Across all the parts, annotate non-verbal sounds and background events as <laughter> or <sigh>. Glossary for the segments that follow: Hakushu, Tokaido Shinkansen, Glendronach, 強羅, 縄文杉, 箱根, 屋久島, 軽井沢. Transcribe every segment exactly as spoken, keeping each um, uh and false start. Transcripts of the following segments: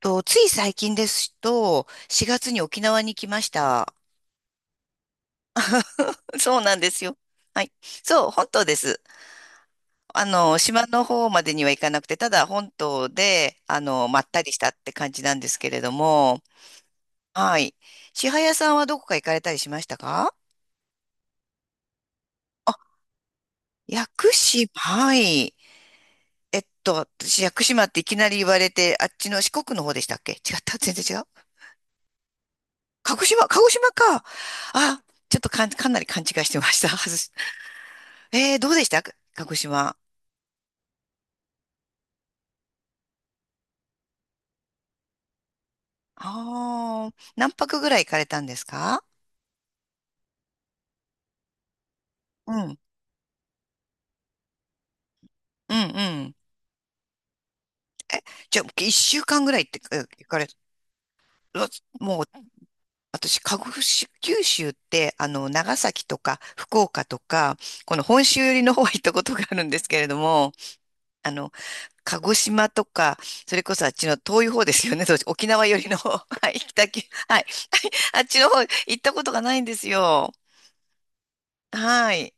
と、つい最近ですと、しがつに沖縄に来ました。そうなんですよ。はい。そう、本島です。あの、島の方までには行かなくて、ただ本島で、あの、まったりしたって感じなんですけれども、はい。千早さんはどこか行かれたりしましたか？あ、屋久島、はい。えっと、私、屋久島っていきなり言われて、あっちの四国の方でしたっけ？違った、全然違う。鹿児島、鹿児島か。あ、ちょっとかん、かなり勘違いしてました。<laughs> 外。えー、どうでしたか、鹿児島？ああ、何泊ぐらい行かれたんですか？うん、うん、うん。じゃあ、一週間ぐらいってえ行かれ、うわ、もう、私、鹿児島、九州って、あの、長崎とか、福岡とか、この本州寄りの方は行ったことがあるんですけれども、あの、鹿児島とか、それこそあっちの遠い方ですよね、そう沖縄寄りの方、<laughs> はい、北九、はい、あっちの方行ったことがないんですよ。はい。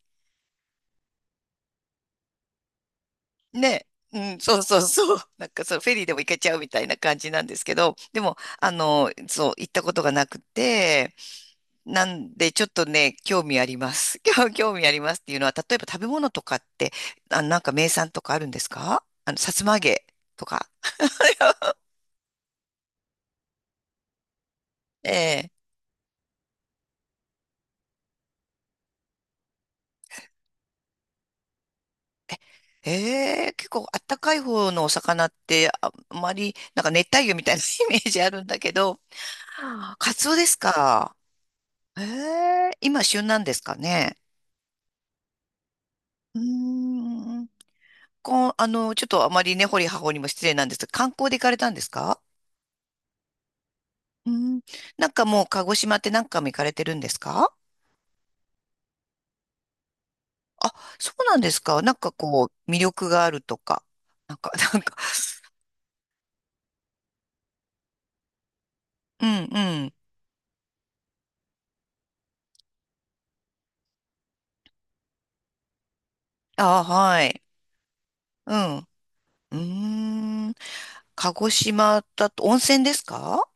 ね、うん、そうそうそう。<laughs> なんかそう、フェリーでも行けちゃうみたいな感じなんですけど、でも、あの、そう、行ったことがなくて、なんで、ちょっとね、興味あります。<laughs> 興興味ありますっていうのは、例えば食べ物とかって、あ、なんか名産とかあるんですか？あの、さつま揚げとか。ええええ、結構あったかい方のお魚って、あ、あまり、なんか熱帯魚みたいな <laughs> イメージあるんだけど、カツオですか？ええ、今旬なんですかね？うーん観光、あの、ちょっとあまりね、掘り葉掘りも失礼なんですが、観光で行かれたんですか？うん。なんかもう、鹿児島って何回も行かれてるんですか？あ、そうなんですか。なんかこう、魅力があるとか。なんか、<laughs> なんか、うんうん。あ、はい。うん。うーん。鹿児島だと、温泉ですか？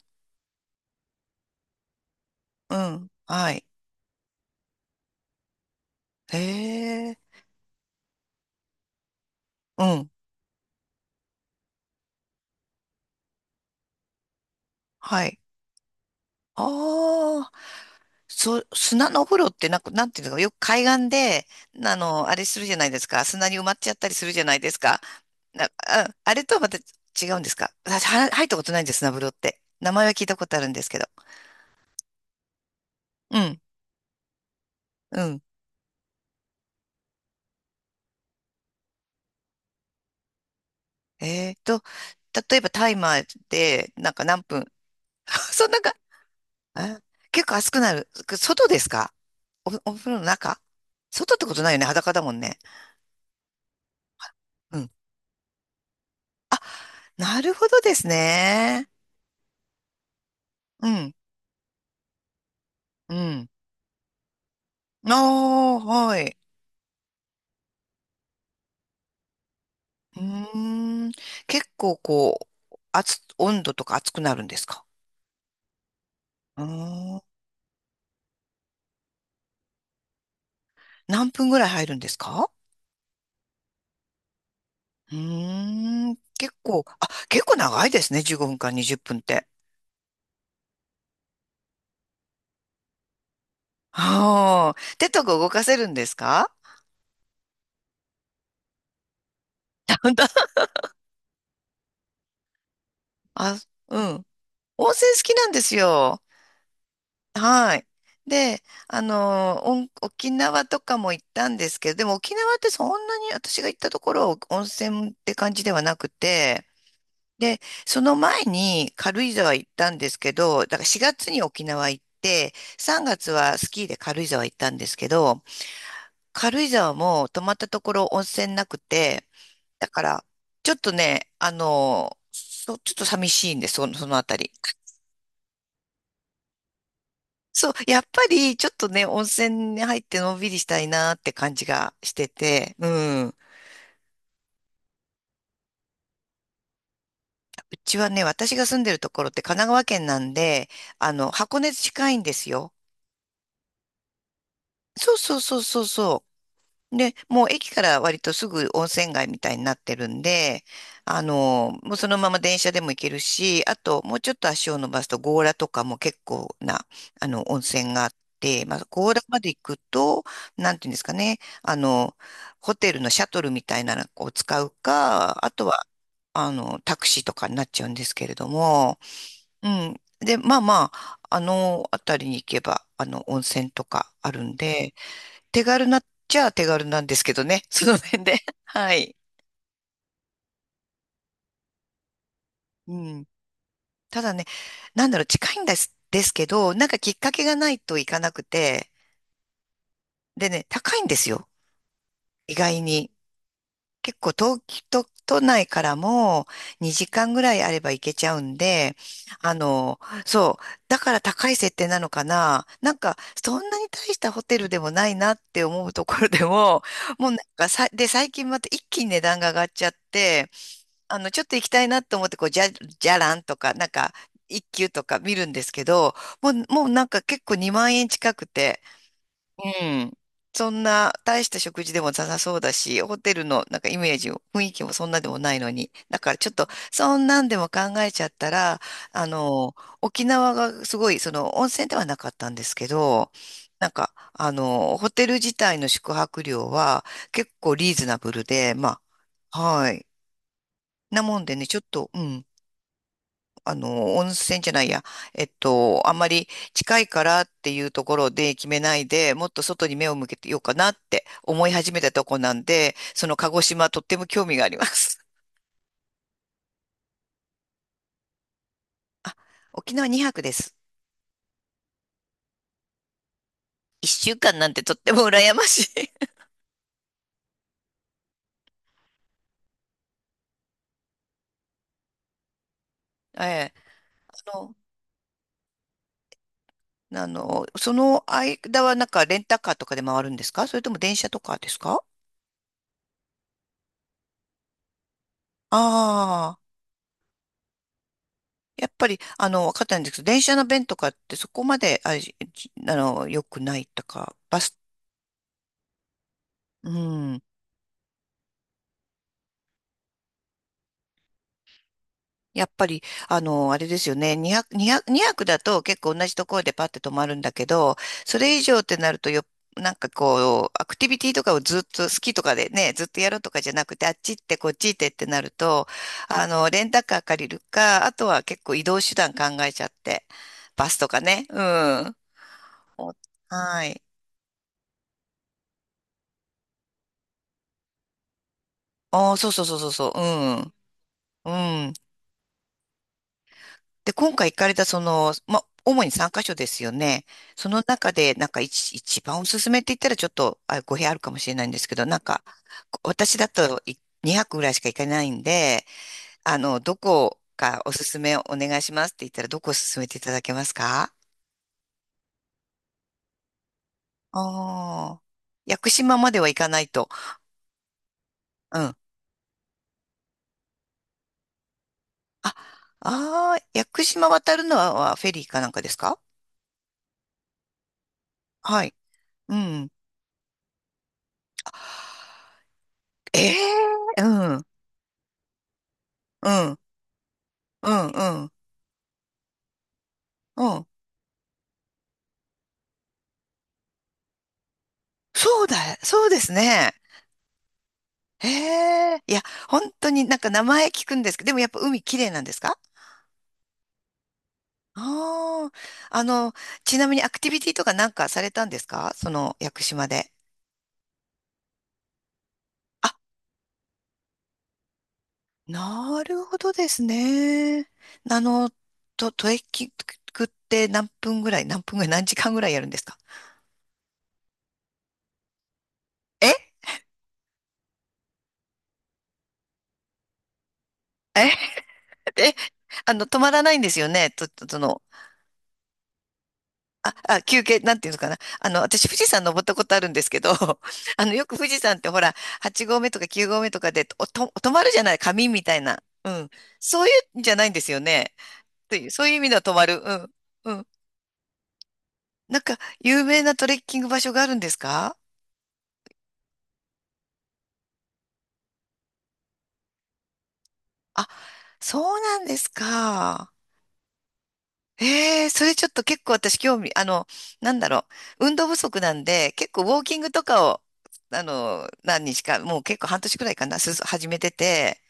うん。はい。へえ。うん。はい。あ、そう、砂のお風呂ってなんか、なんていうのか、よく海岸で、あの、あれするじゃないですか。砂に埋まっちゃったりするじゃないですか。な、あ、あれとはまた違うんですか？私、は入ったことないんです、砂風呂って。名前は聞いたことあるんですけど。うん、うん。えーと、例えばタイマーで、なんか何分？<laughs> そんなか、あ、結構熱くなる。外ですか？お、お風呂の中？外ってことないよね。裸だもんね。うん。なるほどですね。うん、うん。ああ、はい。うーん。結構こう、熱、温度とか熱くなるんですか？うーん。何分ぐらい入るんですか？うーん。結構、あ、結構長いですね。じゅうごふんからにじゅっぷんっぷんって。ああ。手とか動かせるんですか？本当？ <laughs> あ、うん。温泉好きなんですよ。はい。で、あの、おん沖縄とかも行ったんですけど、でも沖縄ってそんなに私が行ったところは温泉って感じではなくて、で、その前に軽井沢行ったんですけど、だからしがつに沖縄行って、さんがつはスキーで軽井沢行ったんですけど、軽井沢も泊まったところ温泉なくて、だから、ちょっとね、あの、そ、ちょっと寂しいんです、その、そのあたり。<laughs> そう、やっぱりちょっとね、温泉に入ってのんびりしたいなって感じがしてて、うん。うちはね、私が住んでるところって神奈川県なんで、あの、箱根近いんですよ。そうそうそうそうそう。で、もう駅から割とすぐ温泉街みたいになってるんで、あの、もうそのまま電車でも行けるし、あともうちょっと足を伸ばすと強羅とかも結構な、あの、温泉があって、まあ、強羅まで行くと、なんていうんですかね、あの、ホテルのシャトルみたいなのを使うか、あとは、あの、タクシーとかになっちゃうんですけれども、うん。で、まあまあ、あの辺りに行けば、あの、温泉とかあるんで、手軽なっちゃ手軽なんですけどね。<laughs> その辺で。<laughs> はい。うん。ただね、なんだろう、近いんです、ですけど、なんかきっかけがないといかなくて、でね、高いんですよ。意外に。結構東京都、都内からもにじかんぐらいあれば行けちゃうんで、あの、そう、だから高い設定なのかな。なんか、そんなに大したホテルでもないなって思うところでも、<laughs> もうなんかさ、で、最近また一気に値段が上がっちゃって、あの、ちょっと行きたいなと思って、こう、じゃ、じゃらんとか、なんか、一級とか見るんですけど、もう、もうなんか結構にまん円近くて、うん。そんな、大した食事でもなさそうだし、ホテルのなんかイメージを、雰囲気もそんなでもないのに。だからちょっと、そんなんでも考えちゃったら、あの、沖縄がすごい、その、温泉ではなかったんですけど、なんか、あの、ホテル自体の宿泊料は結構リーズナブルで、まあ、はい。なもんでね、ちょっと、うん。あの、温泉じゃないや、えっと、あんまり近いからっていうところで決めないで、もっと外に目を向けてようかなって思い始めたとこなんで、その鹿児島とっても興味があります。<laughs> 沖縄にはくです。いっしゅうかんなんてとっても羨ましい。<laughs> ええ。あの、あの、その間はなんかレンタカーとかで回るんですか？それとも電車とかですか？ああ、やっぱり、あの、わかったんですけど、電車の便とかってそこまで、あ、じあの、良くないとか、バス、うん。やっぱり、あの、あれですよね。にひゃく、にひゃく、にひゃくだと結構同じところでパッて止まるんだけど、それ以上ってなるとよ、なんかこう、アクティビティとかをずっと好きとかでね、ずっとやるとかじゃなくて、あっち行ってこっち行ってってなると、あの、レンタカー借りるか、あとは結構移動手段考えちゃって、バスとかね。うん。おはい。ああ、そうそうそうそうそう。うん。うん。で、今回行かれたその、ま、主にさんカ所ですよね。その中で、なんか一、一番おすすめって言ったらちょっと、あ、語弊あるかもしれないんですけど、なんか、こ私だといにはくぐらいしか行かないんで、あの、どこかおすすめお願いしますって言ったら、どこを勧めていただけますか？ああー、屋久島までは行かないと。うん。あ、ああ、屋久島渡るのは、はフェリーかなんかですか？はい。うん。ええ、うん。うん。うん。うん。うん。そうだ、そうですね。へえ、いや、本当になんか名前聞くんですけど、でもやっぱ海綺麗なんですか？ああー、あの、ちなみにアクティビティとかなんかされたんですか、その屋久島で。あ、なるほどですね。あの、と、トレッキングって何分ぐらい、何分ぐらい、何時間ぐらいやるんですか？ええ、え、<laughs> あの、止まらないんですよね。と、とその、あ、あ、休憩、なんていうのかな。あの、私、富士山登ったことあるんですけど、<laughs> あの、よく富士山ってほら、はち合目とかきゅう合目とかで、おと、止まるじゃない、紙みたいな。うん。そういうんじゃないんですよね。という、そういう意味では止まる。うん。うん。なんか、有名なトレッキング場所があるんですか？あ、そうなんですか。ええ、それちょっと結構私興味、あの、なんだろう。運動不足なんで、結構ウォーキングとかを、あの、何日か、もう結構半年くらいかな、す、始めてて、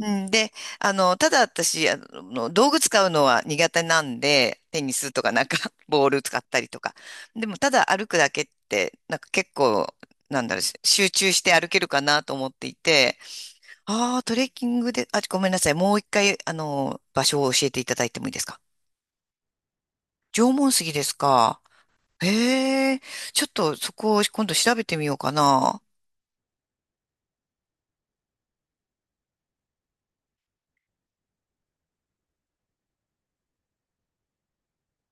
うん、で、あの、ただ私、あの、道具使うのは苦手なんで、テニスとかなんか、<laughs> ボール使ったりとか。でも、ただ歩くだけって、なんか結構、なんだろう、し集中して歩けるかなと思っていて、ああ、トレッキングで、あ、ごめんなさい。もう一回、あの、場所を教えていただいてもいいですか？縄文杉ですか？へえ、ちょっとそこを今度調べてみようかな。